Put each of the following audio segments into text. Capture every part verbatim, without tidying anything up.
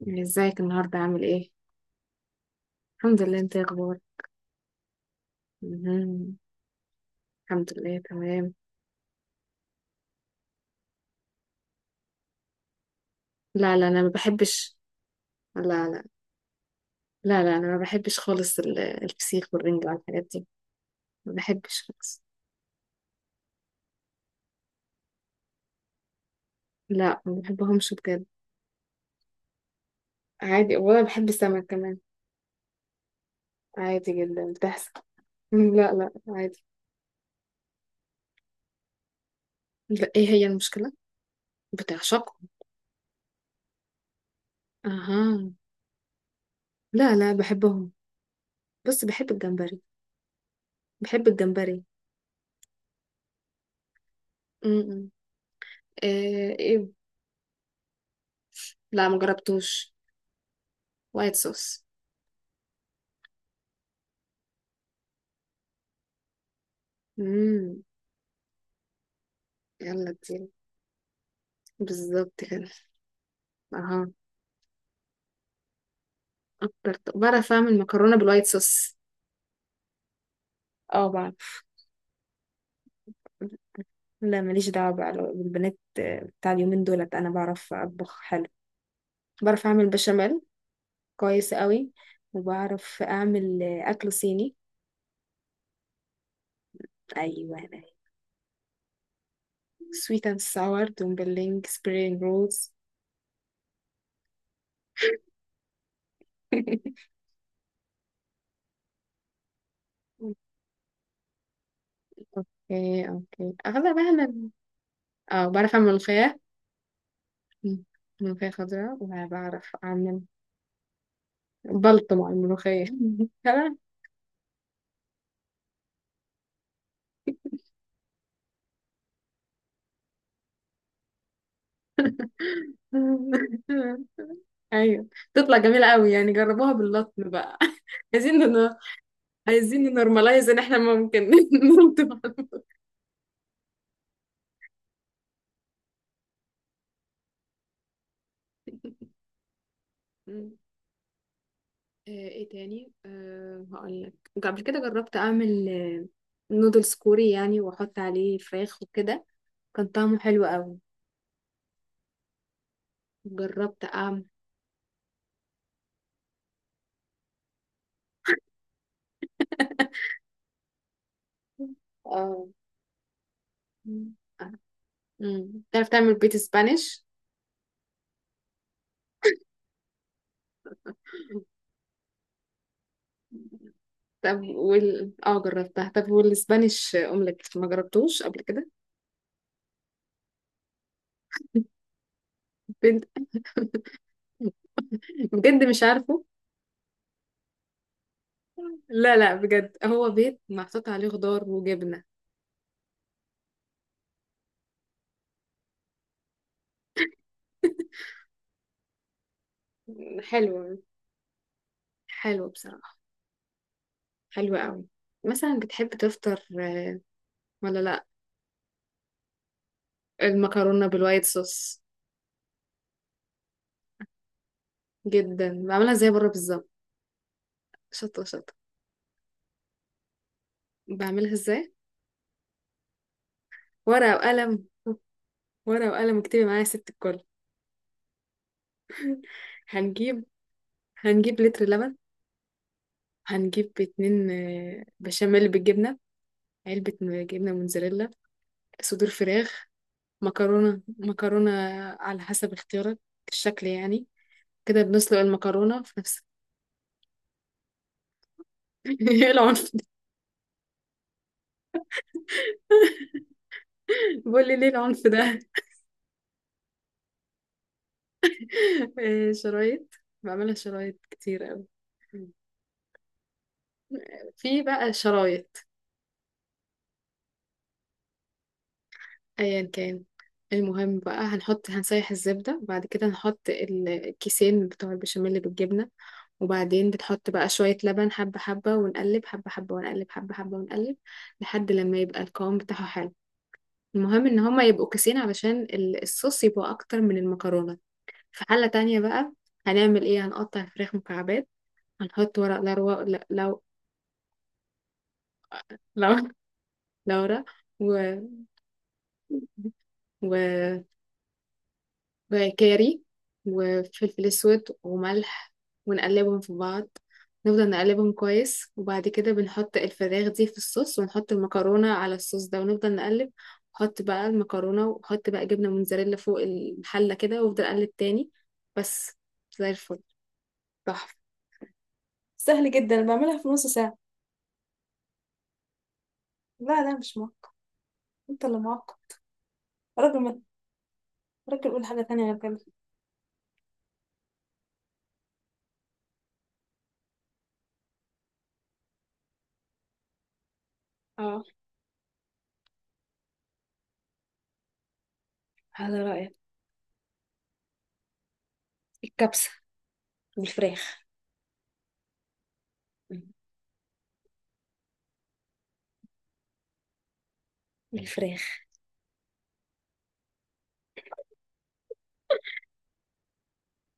يعني ازيك النهارده عامل ايه؟ الحمد لله، انت ايه اخبارك؟ مهم. الحمد لله تمام. لا لا، انا ما بحبش. لا لا. لا لا، انا ما بحبش خالص ال- الفسيخ والرنجة والحاجات دي. ما بحبش خالص. لا ما بحبهمش بجد. عادي، ولا بحب السمك كمان. عادي جدا بتحصل. مم، لا لا عادي. لا، ايه هي المشكلة؟ بتعشقهم. اها. لا لا بحبهم. بس بحب الجمبري. بحب الجمبري. م -م. إيه, ايه. لا ما جربتوش. وايت صوص. مم. يلا دي. بالظبط كده. اها. اكتر ط- بعرف اعمل مكرونه بالوايت صوص. اه بعرف. لا ماليش دعوة بقى بالبنات. بتاع اليومين دولت انا بعرف اطبخ حلو. بعرف اعمل بشاميل. كويس قوي. وبعرف اعمل آه، اكل صيني. ايوه انا. سويت اند ساور دومبلينج سبرينج رولز. اوكي اوكي اغلبها انا. اه بعرف اعمل ملوخيه. ملوخيه خضراء وبعرف اعمل. بلطم على الملوخيه. تمام. ايوه. تطلع جميلة قوي، يعني جربوها باللطم بقى. عايزين نن... عايزين ننورماليز ان احنا ممكن نلطم. مم. آه، ايه تاني؟ أه هقول لك. قبل كده جربت اعمل آه، نودلز كوري، يعني واحط عليه فراخ وكده. كان طعمه حلو قوي. جربت اعمل. اه. مم. مم. تعرف تعمل بيت سبانيش؟ طب وال اه جربتها. طب، والسبانيش اومليت ما جربتوش قبل كده؟ بنت. بجد مش عارفه. لا لا بجد، هو بيت محطوط عليه خضار وجبنة. حلو. حلو بصراحة. حلو قوي. مثلا بتحب تفطر آه، ولا لا. المكرونة بالوايت صوص. جدا بعملها زي بره بالظبط. شطة شطة. بعملها ازاي؟ ورقة وقلم. ورقة وقلم، اكتبي معايا يا ست الكل. هنجيب. هنجيب لتر لبن. هنجيب اتنين آه، بشاميل بالجبنة. علبة. جبنة موتزاريلا. صدور فراخ. مكرونة مكرونة. على حسب اختيارك. الشكل يعني. كده بنسلق المكرونة في نفس. ايه العنف ده؟ بقول لي ليه العنف ده؟ إيه شرايط. بعملها شرايط كتير قوي. في بقى شرايط. ايا كان. المهم بقى، هنحط هنسيح الزبدة وبعد كده نحط ال- الكيسين بتوع البشاميل بالجبنة. وبعدين بتحط بقى شوية لبن، حبة حبة ونقلب، حبة حبة ونقلب، حبة حبة ونقلب، لحد لما يبقى القوام بتاعه حلو. المهم ان هما يبقوا كيسين علشان ال- الصوص يبقى اكتر من المكرونة. في حلة تانية بقى. هنعمل ايه؟ هنقطع الفراخ مكعبات. هنحط ورق لورا لا- لو. لو. لورا. و... و... وكاري وفلفل اسود وملح. ونقلبهم في بعض. نفضل نقلبهم كويس، وبعد كده بنحط الفراخ دي في الصوص، ونحط المكرونة على الصوص ده، ونفضل نقلب. نحط بقى المكرونة، وحط بقى جبنة موتزاريلا فوق الحلة كده، وافضل اقلب تاني. بس. زي الفل. تحفة. سهل جدا، أنا بعملها في نص ساعة. لا لا مش معقد. انت اللي معقد. راجل ما راجل قول حاجة تانية غير كده. اه. هذا رأيك. الكبسة. بالفراخ. مم. بالفراخ.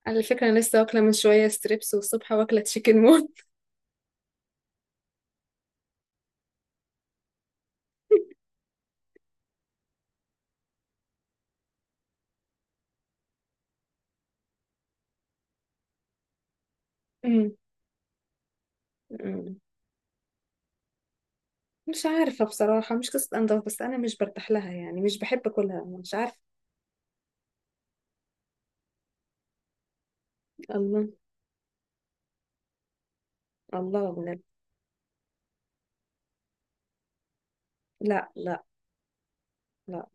على فكرة، أنا لسه واكلة من شوية ستريبس، والصبح واكلة تشيكن مون. مم. مم. مش عارفة بصراحة، مش قصة أنضف، بس أنا مش برتاح لها يعني، مش بحب أكلها، مش عارفة. الله. الله من. لا لا لا،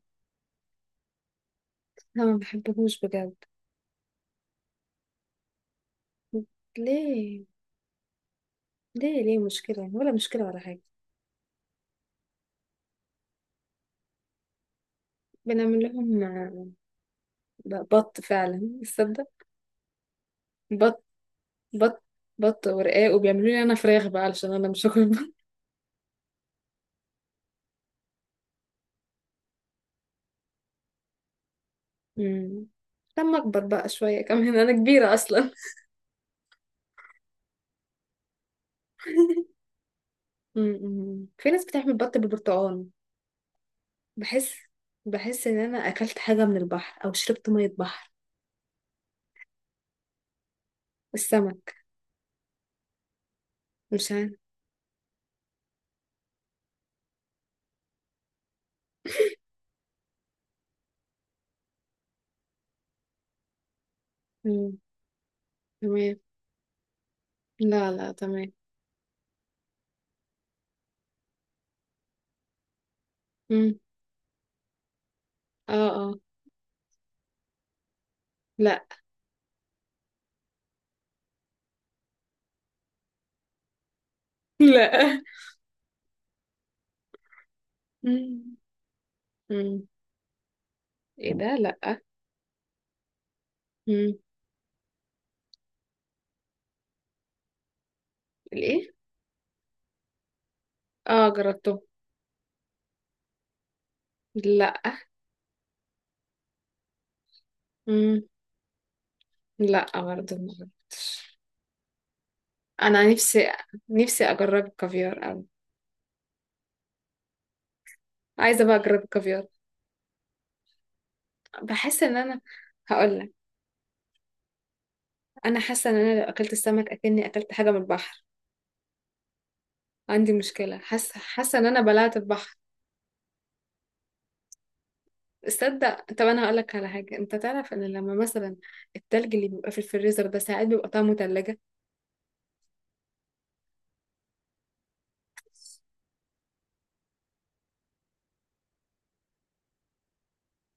أنا ما بحبهوش بجد. ليه ليه ليه؟ مشكلة ولا مشكلة ولا حاجة؟ بنعمل لهم. لا، بط فعلا تصدق. بط. بط. بط ورقاق، وبيعملوا لي انا فراخ بقى علشان انا مش هاكل بط. أمم. لما اكبر بقى شويه كمان، انا كبيره اصلا. أمم. في ناس بتعمل بط بالبرتقال. بحس. بحس ان انا اكلت حاجه من البحر، او شربت ميه بحر. السمك. مش عارف. أمم. تمام. لا لا تمام. أمم. اه اه. لا. لا. أمم. أمم. ايه ده؟ لا. أمم. الايه؟ اه جربته. لا. مم. لا برضه ما جربتش. انا نفسي. نفسي اجرب الكافيار أوي. عايزه بقى اجرب الكافيار. بحس ان انا. هقول لك. انا حاسه ان انا لو اكلت السمك اكني اكلت حاجه من البحر. عندي مشكله، حاسه حاسه ان انا بلعت البحر. تصدق؟ طب انا هقول لك على حاجه، انت تعرف ان لما مثلا التلج اللي بيبقى في الفريزر ده، ساعات بيبقى طعمه تلاجة.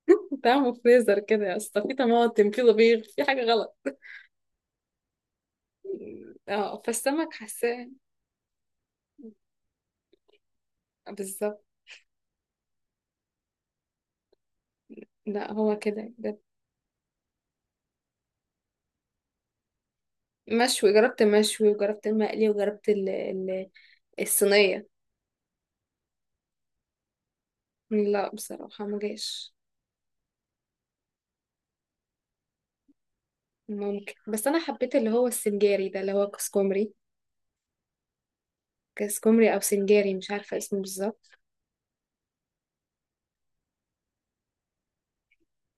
طعمه فريزر كده يا اسطى، في طماطم، في طبيخ، في حاجه غلط. اه، فالسمك حاساه. بالظبط. لا هو كده. مشوي. جربت مشوي، وجربت المقلي، وجربت ال ال الصينية. لا بصراحة ما جاش. ممكن، بس أنا حبيت اللي هو السنجاري ده، اللي هو كسكومري. كسكومري أو سنجاري، مش عارفة اسمه بالظبط.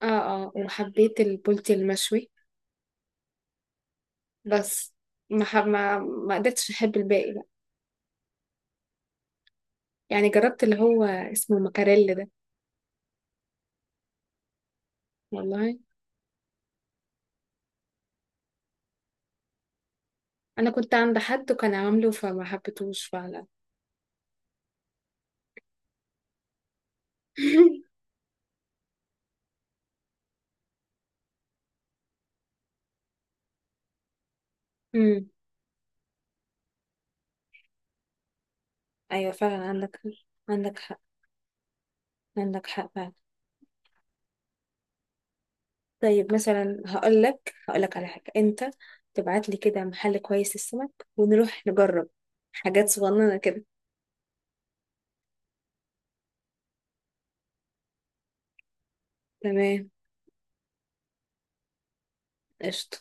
اه. اه، وحبيت البولتي المشوي. بس. ما حب ما, ما قدرتش أحب الباقي بقى. يعني جربت اللي هو اسمه مكاريل ده. والله. أنا كنت عند حد وكان عامله فما حبيتهوش فعلا. أمم، أيوة فعلا عندك. عندك حق. عندك حق فعلا. طيب مثلا، هقول لك هقول لك على حاجة. انت تبعت لي كده محل كويس للسمك، ونروح نجرب. حاجات صغننة كده. تمام قشطة.